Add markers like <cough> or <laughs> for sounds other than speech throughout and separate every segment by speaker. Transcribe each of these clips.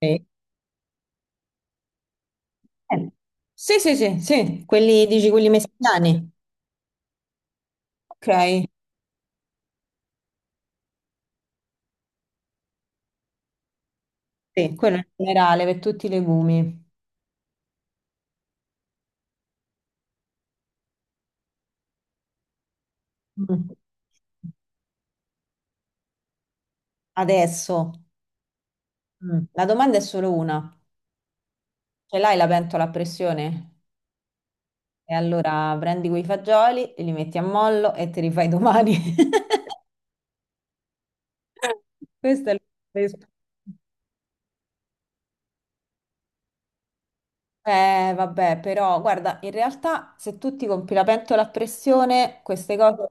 Speaker 1: Eh, Sì, sì, sì, sì, quelli, dici quelli messicani. Ok, sì, quello in generale per tutti i legumi. Mm. Adesso, la domanda è solo una. Ce l'hai la pentola a pressione? E allora prendi quei fagioli, li metti a mollo e te li fai domani. <laughs> Questa è la risposta. Vabbè, però guarda, in realtà se tu ti compri la pentola a pressione, queste cose.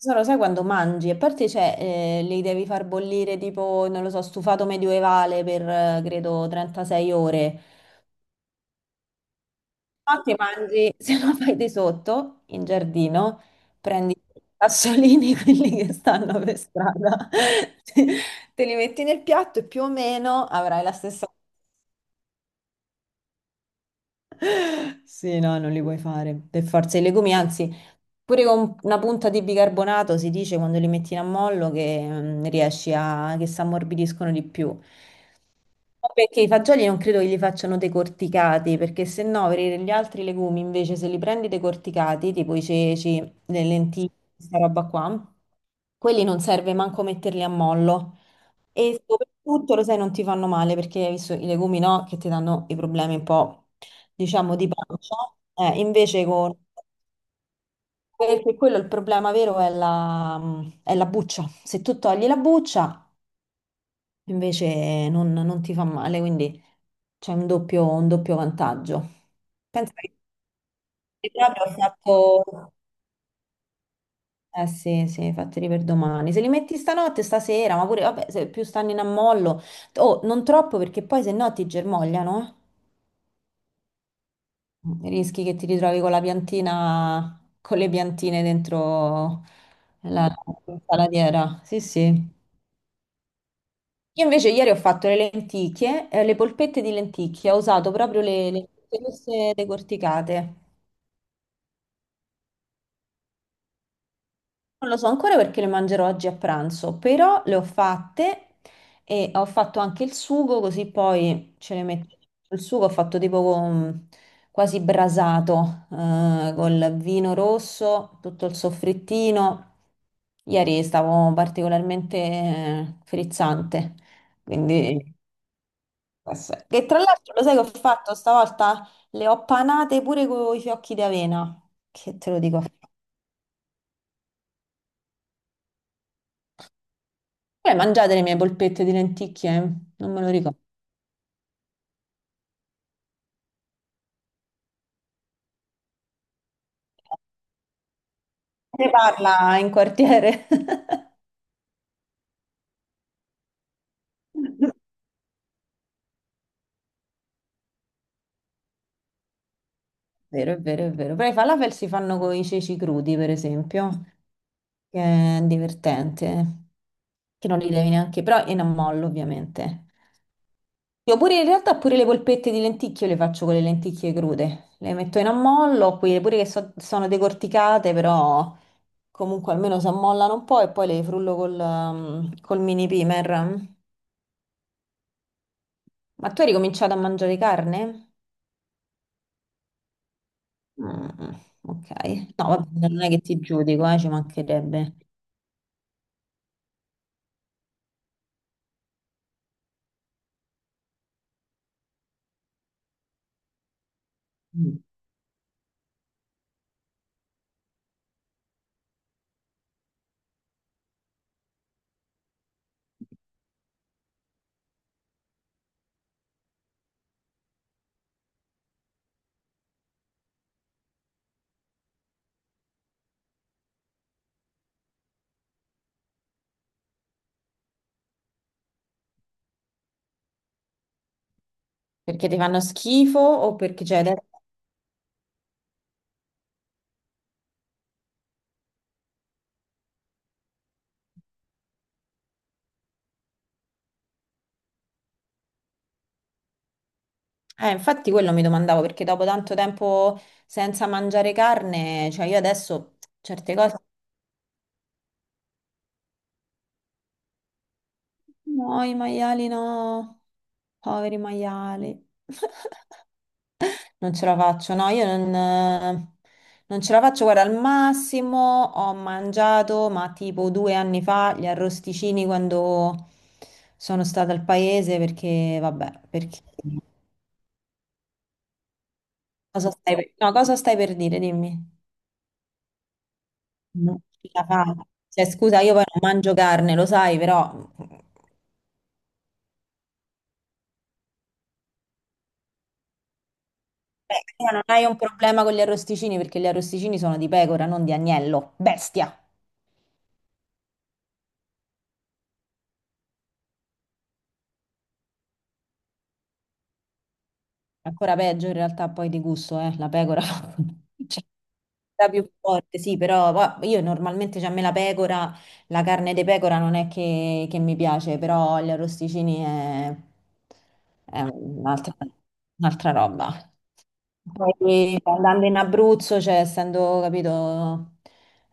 Speaker 1: Solo sai quando mangi, a parte cioè, li devi far bollire tipo, non lo so, stufato medievale per credo 36 ore. No, ti mangi, <laughs> se no fai di sotto in giardino, prendi i sassolini, <laughs> quelli che stanno per strada, <laughs> te li metti nel piatto e più o meno avrai la stessa. Sì, no, non li puoi fare. Per forza i legumi, anzi, pure con una punta di bicarbonato si dice quando li metti in ammollo che riesci a che si ammorbidiscono di più. Ma perché i fagioli non credo che li facciano decorticati, perché se no per gli altri legumi invece se li prendi decorticati, tipo i ceci, le lenticchie, questa roba qua, quelli non serve manco metterli a mollo. E soprattutto, lo sai, non ti fanno male perché hai visto i legumi, no? Che ti danno i problemi un po', diciamo, di pancia. Invece con... Perché quello il problema vero è la buccia. Se tu togli la buccia, invece non ti fa male, quindi c'è un doppio vantaggio. Penso che proprio ho fatto... Eh sì, sì, fateli per domani. Se li metti stanotte, stasera, ma pure, vabbè, se più stanno in ammollo... Oh, non troppo perché poi se no ti germogliano, eh. Rischi che ti ritrovi con la piantina, con le piantine dentro la la salatiera. Sì, sì. Io invece ieri ho fatto le lenticchie, le polpette di lenticchie, ho usato proprio le lenticchie queste decorticate. Non lo so ancora perché le mangerò oggi a pranzo, però le ho fatte e ho fatto anche il sugo, così poi ce le metto. Il sugo ho fatto tipo con- quasi brasato, col vino rosso, tutto il soffrittino. Ieri stavo particolarmente frizzante, quindi questo è. Che tra l'altro lo sai che ho fatto stavolta? Le ho panate pure con i fiocchi di avena, che te lo dico. Voi mangiate le mie polpette di lenticchie? Non me lo ricordo. Ne parla in quartiere. <laughs> Vero, è vero, è vero. Però i falafel si fanno con i ceci crudi, per esempio, che è divertente, che non li devi neanche, però in ammollo, ovviamente. Io pure in realtà pure le polpette di lenticchie io le faccio con le lenticchie crude. Le metto in ammollo, quelle pure che so- sono decorticate, però comunque almeno si ammollano un po' e poi le frullo col, col mini primer. Ma tu hai ricominciato a mangiare carne? Mm, ok. No, vabbè, non è che ti giudico, ci mancherebbe. Mm. Perché ti fanno schifo o perché c'è... infatti quello mi domandavo, perché dopo tanto tempo senza mangiare carne, cioè io adesso certe cose... No, i maiali no, poveri maiali. Non ce la faccio, no, io non, Non ce la faccio. Guarda, al massimo ho mangiato, ma tipo due anni fa, gli arrosticini quando sono stata al paese, perché, vabbè, perché... Cosa stai per, no, cosa stai per dire? Dimmi. Non ce la faccio. Cioè, scusa, io poi non mangio carne, lo sai, però... Beh, tu non hai un problema con gli arrosticini, perché gli arrosticini sono di pecora, non di agnello. Bestia! Ancora peggio in realtà poi di gusto, la pecora. <laughs> Cioè, la più forte, sì, però va- io normalmente, cioè, a me la pecora, la carne di pecora non è che mi piace, però gli arrosticini è un'altra roba. Poi andando in Abruzzo, cioè essendo, capito,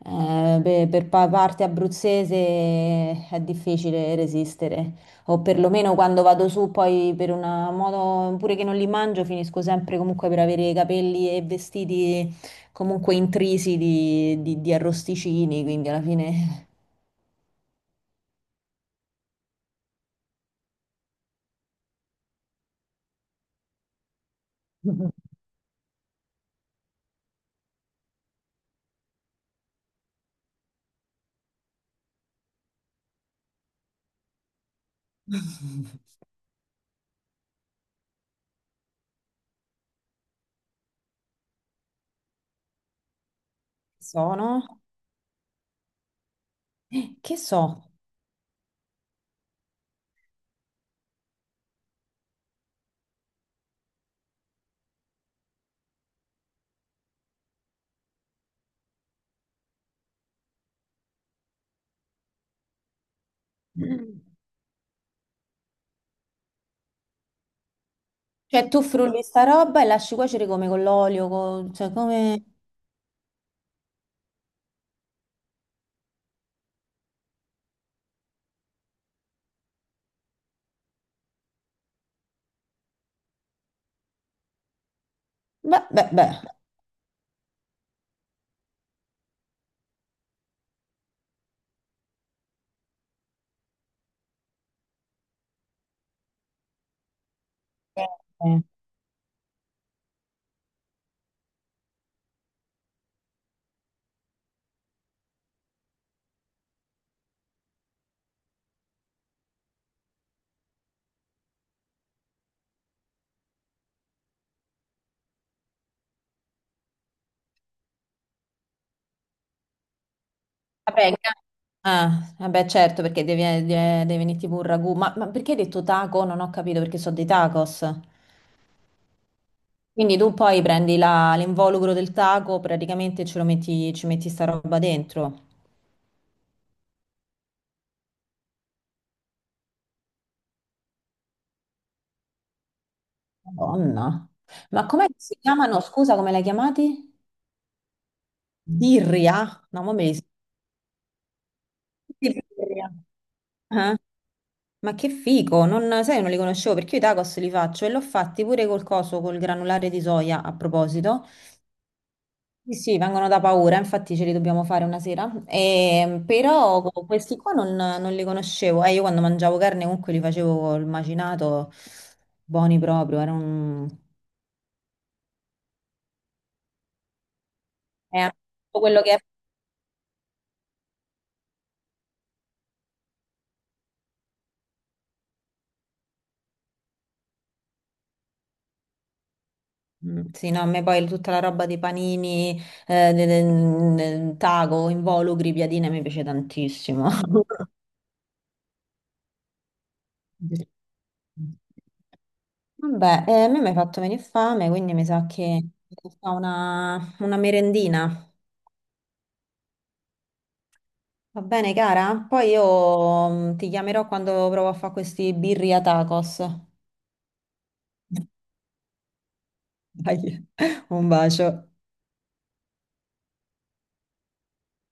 Speaker 1: pe- per, pa- parte abruzzese è difficile resistere, o perlomeno quando vado su poi per una moto, pure che non li mangio, finisco sempre comunque per avere i capelli e vestiti comunque intrisi di arrosticini, quindi alla fine <laughs> sono... Che so? Cioè tu frulli sta roba e lasci cuocere come con l'olio, co- cioè come... Beh, beh, beh. Eh, Vabbè, in ca- ah, vabbè, certo, perché devi, de- deve venirti pure un ragù. Ma perché hai detto taco? Non ho capito perché sono dei tacos. Quindi tu poi prendi la- l'involucro del taco, praticamente ce lo metti, ci metti sta roba dentro. Madonna. Ma com'è che si chiamano? Scusa, come l'hai chiamati? Birria? No, ma me li birria. Eh? Ma che figo, non, sai, non li conoscevo perché io i tacos li faccio e l'ho fatti pure col coso, col granulare di soia a proposito. Sì, sì, vengono da paura, infatti ce li dobbiamo fare una sera. E, però co- questi qua non, non li conoscevo. Io quando mangiavo carne comunque li facevo col macinato, buoni proprio. Era un... è tutto quello che è... Mm, sì, no, a me poi tutta la roba dei panini, de- de- de- taco, involucri, piadine, mi piace tantissimo. <laughs> Vabbè, a me mi hai fatto venire fame, quindi mi sa che mi fa una merendina. Va bene, cara? Poi io ti chiamerò quando provo a fare questi birria tacos. <laughs> Dai, un bacio.